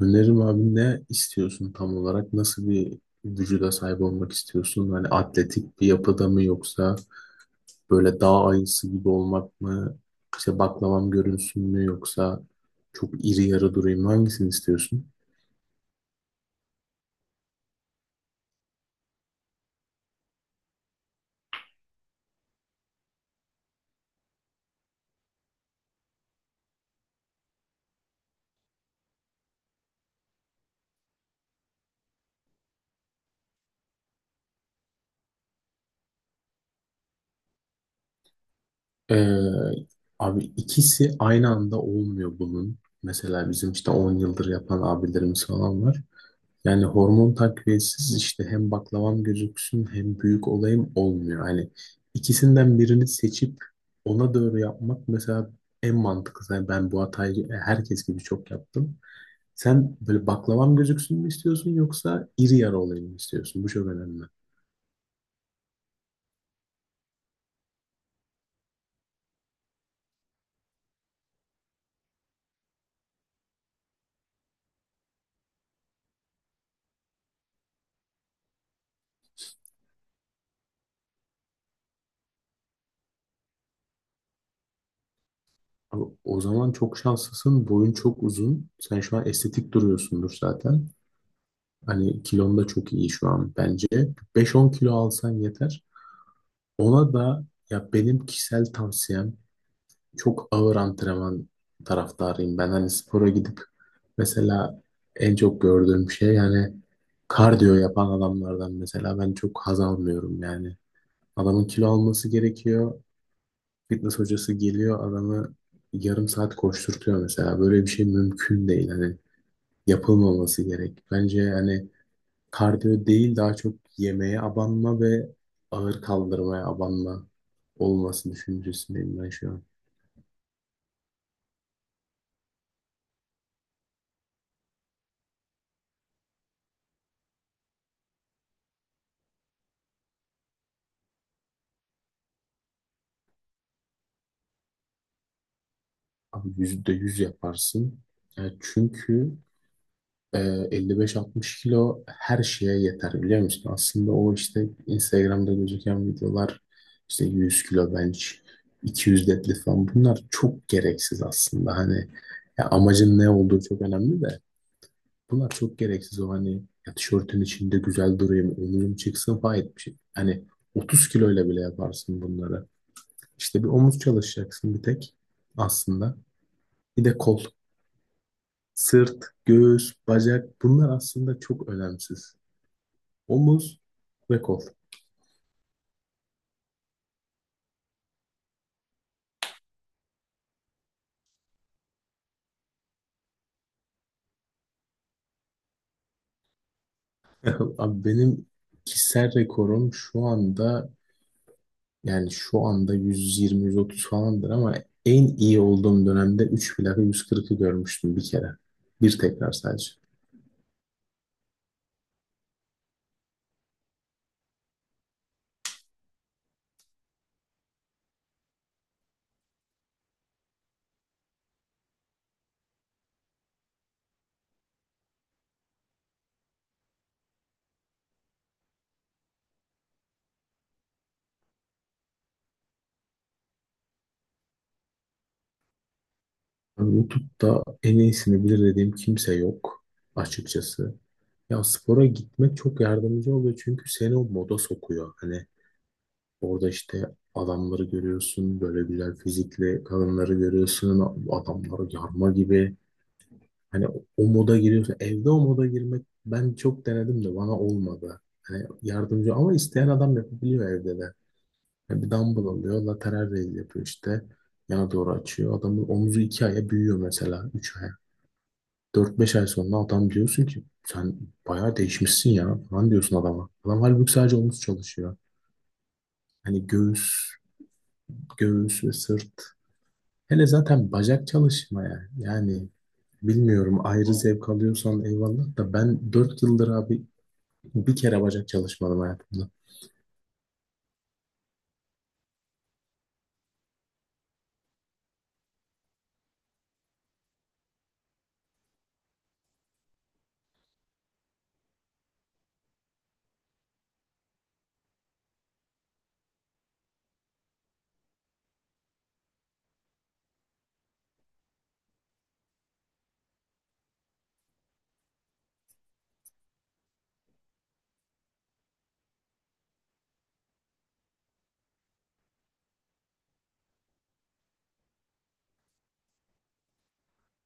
Önerim abi ne istiyorsun tam olarak? Nasıl bir vücuda sahip olmak istiyorsun? Hani atletik bir yapıda mı yoksa böyle dağ ayısı gibi olmak mı? İşte baklavam görünsün mü yoksa çok iri yarı durayım mı? Hangisini istiyorsun? Ee, abi ikisi aynı anda olmuyor bunun. Mesela bizim işte 10 yıldır yapan abilerimiz falan var. Yani hormon takviyesiz işte hem baklavam gözüksün hem büyük olayım olmuyor. Hani ikisinden birini seçip ona doğru yapmak mesela en mantıklısı. Yani ben bu hatayı herkes gibi çok yaptım. Sen böyle baklavam gözüksün mü istiyorsun yoksa iri yarı olayım mı istiyorsun? Bu çok önemli. Abi o zaman çok şanslısın. Boyun çok uzun. Sen şu an estetik duruyorsundur zaten. Hani kilon da çok iyi şu an bence. 5-10 kilo alsan yeter. Ona da ya benim kişisel tavsiyem çok ağır antrenman taraftarıyım. Ben hani spora gidip mesela en çok gördüğüm şey yani kardiyo yapan adamlardan mesela ben çok haz almıyorum yani. Adamın kilo alması gerekiyor. Fitness hocası geliyor adamı yarım saat koşturtuyor mesela. Böyle bir şey mümkün değil. Hani yapılmaması gerek. Bence hani kardiyo değil daha çok yemeğe abanma ve ağır kaldırmaya abanma olması düşüncesindeyim ben şu an. Abi %100 yaparsın. Ya çünkü Ee, 55-60 kilo her şeye yeter biliyor musun? Aslında o işte Instagram'da gözüken videolar işte 100 kilo bench, 200 deadlift falan bunlar çok gereksiz aslında. Hani ya amacın ne olduğu çok önemli de bunlar çok gereksiz o hani ya tişörtün içinde güzel durayım, omuzum çıksın falan bir şey. Hani 30 kiloyla bile yaparsın bunları. İşte bir omuz çalışacaksın bir tek aslında. Bir de kol, sırt, göğüs, bacak bunlar aslında çok önemsiz. Omuz ve kol. Abi benim kişisel rekorum şu anda yani şu anda 120-130 falandır ama en iyi olduğum dönemde 3 plaka 140'ı görmüştüm bir kere. Bir tekrar sadece. Yani YouTube'da en iyisini bilir dediğim kimse yok açıkçası. Ya spora gitmek çok yardımcı oluyor çünkü seni o moda sokuyor. Hani orada işte adamları görüyorsun, böyle güzel fizikli kadınları görüyorsun, adamları yarma gibi. Hani o moda giriyorsun. Evde o moda girmek ben çok denedim de bana olmadı. Hani yardımcı ama isteyen adam yapabiliyor evde de. Hani bir dumbbell alıyor, lateral raise yapıyor işte. Yana doğru açıyor. Adamın omuzu 2 aya büyüyor mesela. 3 aya. 4-5 ay sonra adam diyorsun ki sen bayağı değişmişsin ya falan diyorsun adama. Adam halbuki sadece omuz çalışıyor. Hani göğüs ve sırt. Hele zaten bacak çalışmaya. Yani bilmiyorum ayrı zevk alıyorsan eyvallah da ben 4 yıldır abi bir kere bacak çalışmadım hayatımda.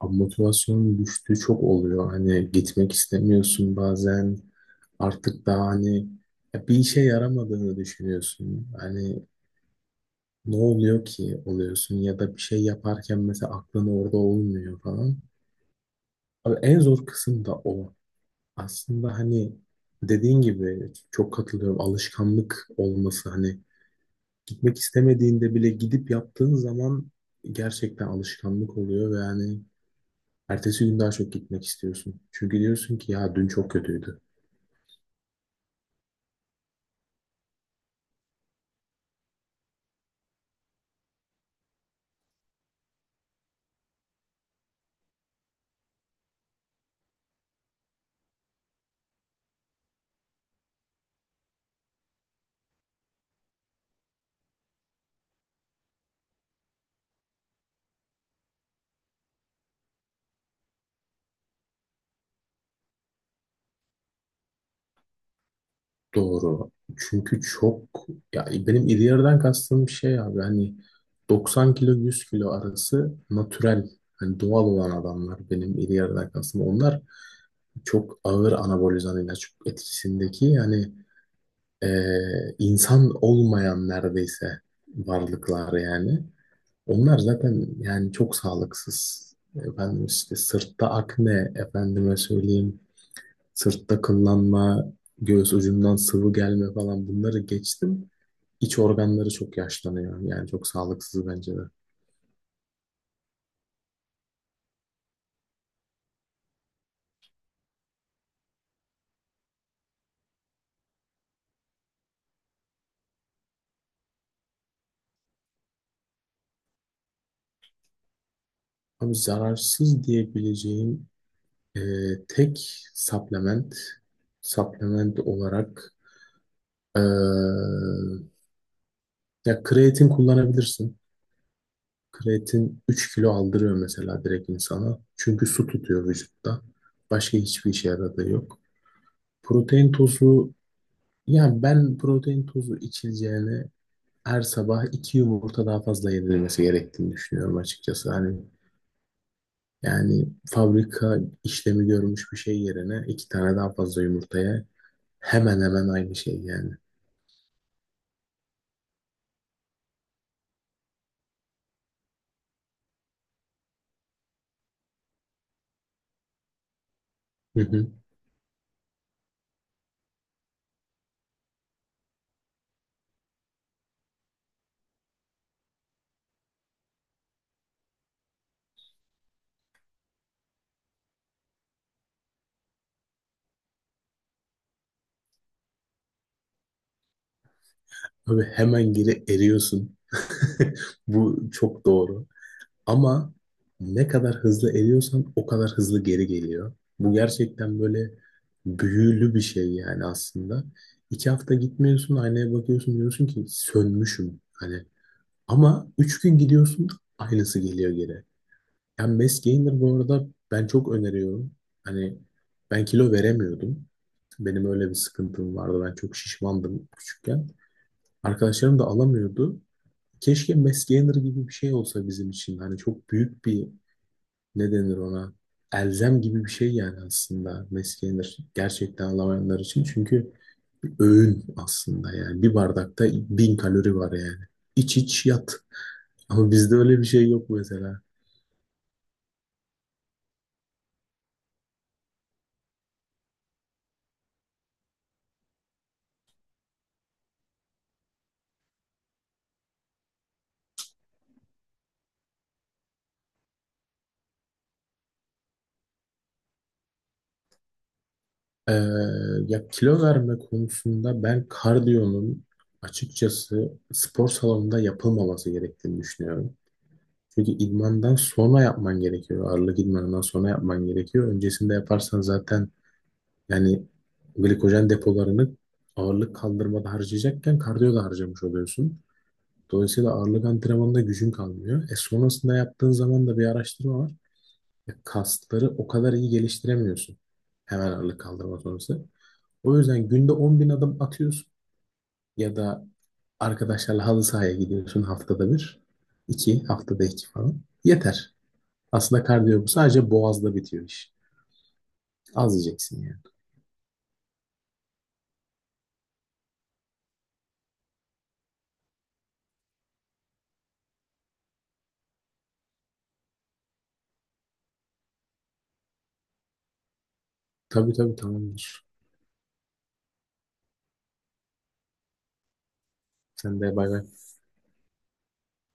Abi motivasyonun düştüğü çok oluyor. Hani gitmek istemiyorsun bazen. Artık daha hani ya bir işe yaramadığını düşünüyorsun. Hani ne oluyor ki oluyorsun ya da bir şey yaparken mesela aklın orada olmuyor falan. Abi en zor kısım da o. Aslında hani dediğin gibi çok katılıyorum. Alışkanlık olması hani gitmek istemediğinde bile gidip yaptığın zaman gerçekten alışkanlık oluyor ve hani ertesi gün daha çok gitmek istiyorsun. Çünkü diyorsun ki ya dün çok kötüydü. Doğru. Çünkü çok ya benim iri yarıdan kastığım şey abi hani 90 kilo 100 kilo arası natürel hani doğal olan adamlar benim iri yarıdan kastım. Onlar çok ağır anabolizan ilaç etkisindeki yani insan olmayan neredeyse varlıklar yani. Onlar zaten yani çok sağlıksız. Efendim işte sırtta akne, efendime söyleyeyim sırtta kıllanma, göğüs ucundan sıvı gelme falan bunları geçtim. İç organları çok yaşlanıyor. Yani çok sağlıksız bence de. Abi zararsız diyebileceğim e, tek supplement olarak e, ya kreatin kullanabilirsin. Kreatin 3 kilo aldırıyor mesela direkt insana. Çünkü su tutuyor vücutta. Başka hiçbir işe yaradığı yok. Protein tozu yani ben protein tozu içileceğine her sabah iki yumurta daha fazla yedirilmesi gerektiğini düşünüyorum açıkçası. Hani yani fabrika işlemi görmüş bir şey yerine iki tane daha fazla yumurtaya hemen hemen aynı şey yani. Hı hı. Abi hemen geri eriyorsun. Bu çok doğru. Ama ne kadar hızlı eriyorsan o kadar hızlı geri geliyor. Bu gerçekten böyle büyülü bir şey yani aslında. 2 hafta gitmiyorsun aynaya bakıyorsun diyorsun ki sönmüşüm. Hani ama 3 gün gidiyorsun aynısı geliyor geri. Yani mass gainer bu arada ben çok öneriyorum. Hani ben kilo veremiyordum. Benim öyle bir sıkıntım vardı. Ben çok şişmandım küçükken. Arkadaşlarım da alamıyordu. Keşke mass gainer gibi bir şey olsa bizim için. Hani çok büyük bir ne denir ona? Elzem gibi bir şey yani aslında mass gainer gerçekten alamayanlar için. Çünkü öğün aslında yani. Bir bardakta 1.000 kalori var yani. İç iç yat. Ama bizde öyle bir şey yok mesela. Ee, ya kilo verme konusunda ben kardiyonun açıkçası spor salonunda yapılmaması gerektiğini düşünüyorum. Çünkü idmandan sonra yapman gerekiyor. Ağırlık idmanından sonra yapman gerekiyor. Öncesinde yaparsan zaten yani glikojen depolarını ağırlık kaldırmada harcayacakken kardiyo da harcamış oluyorsun. Dolayısıyla ağırlık antrenmanında gücün kalmıyor. E sonrasında yaptığın zaman da bir araştırma var. Ya kasları o kadar iyi geliştiremiyorsun. Hemen ağırlık kaldırma sonrası. O yüzden günde 10.000 adım atıyorsun ya da arkadaşlarla halı sahaya gidiyorsun haftada bir, iki, haftada iki falan. Yeter. Aslında kardiyo bu. Sadece boğazda bitiyor iş. Az yiyeceksin yani. Tabii tabii tamamdır. Sen de bay bay.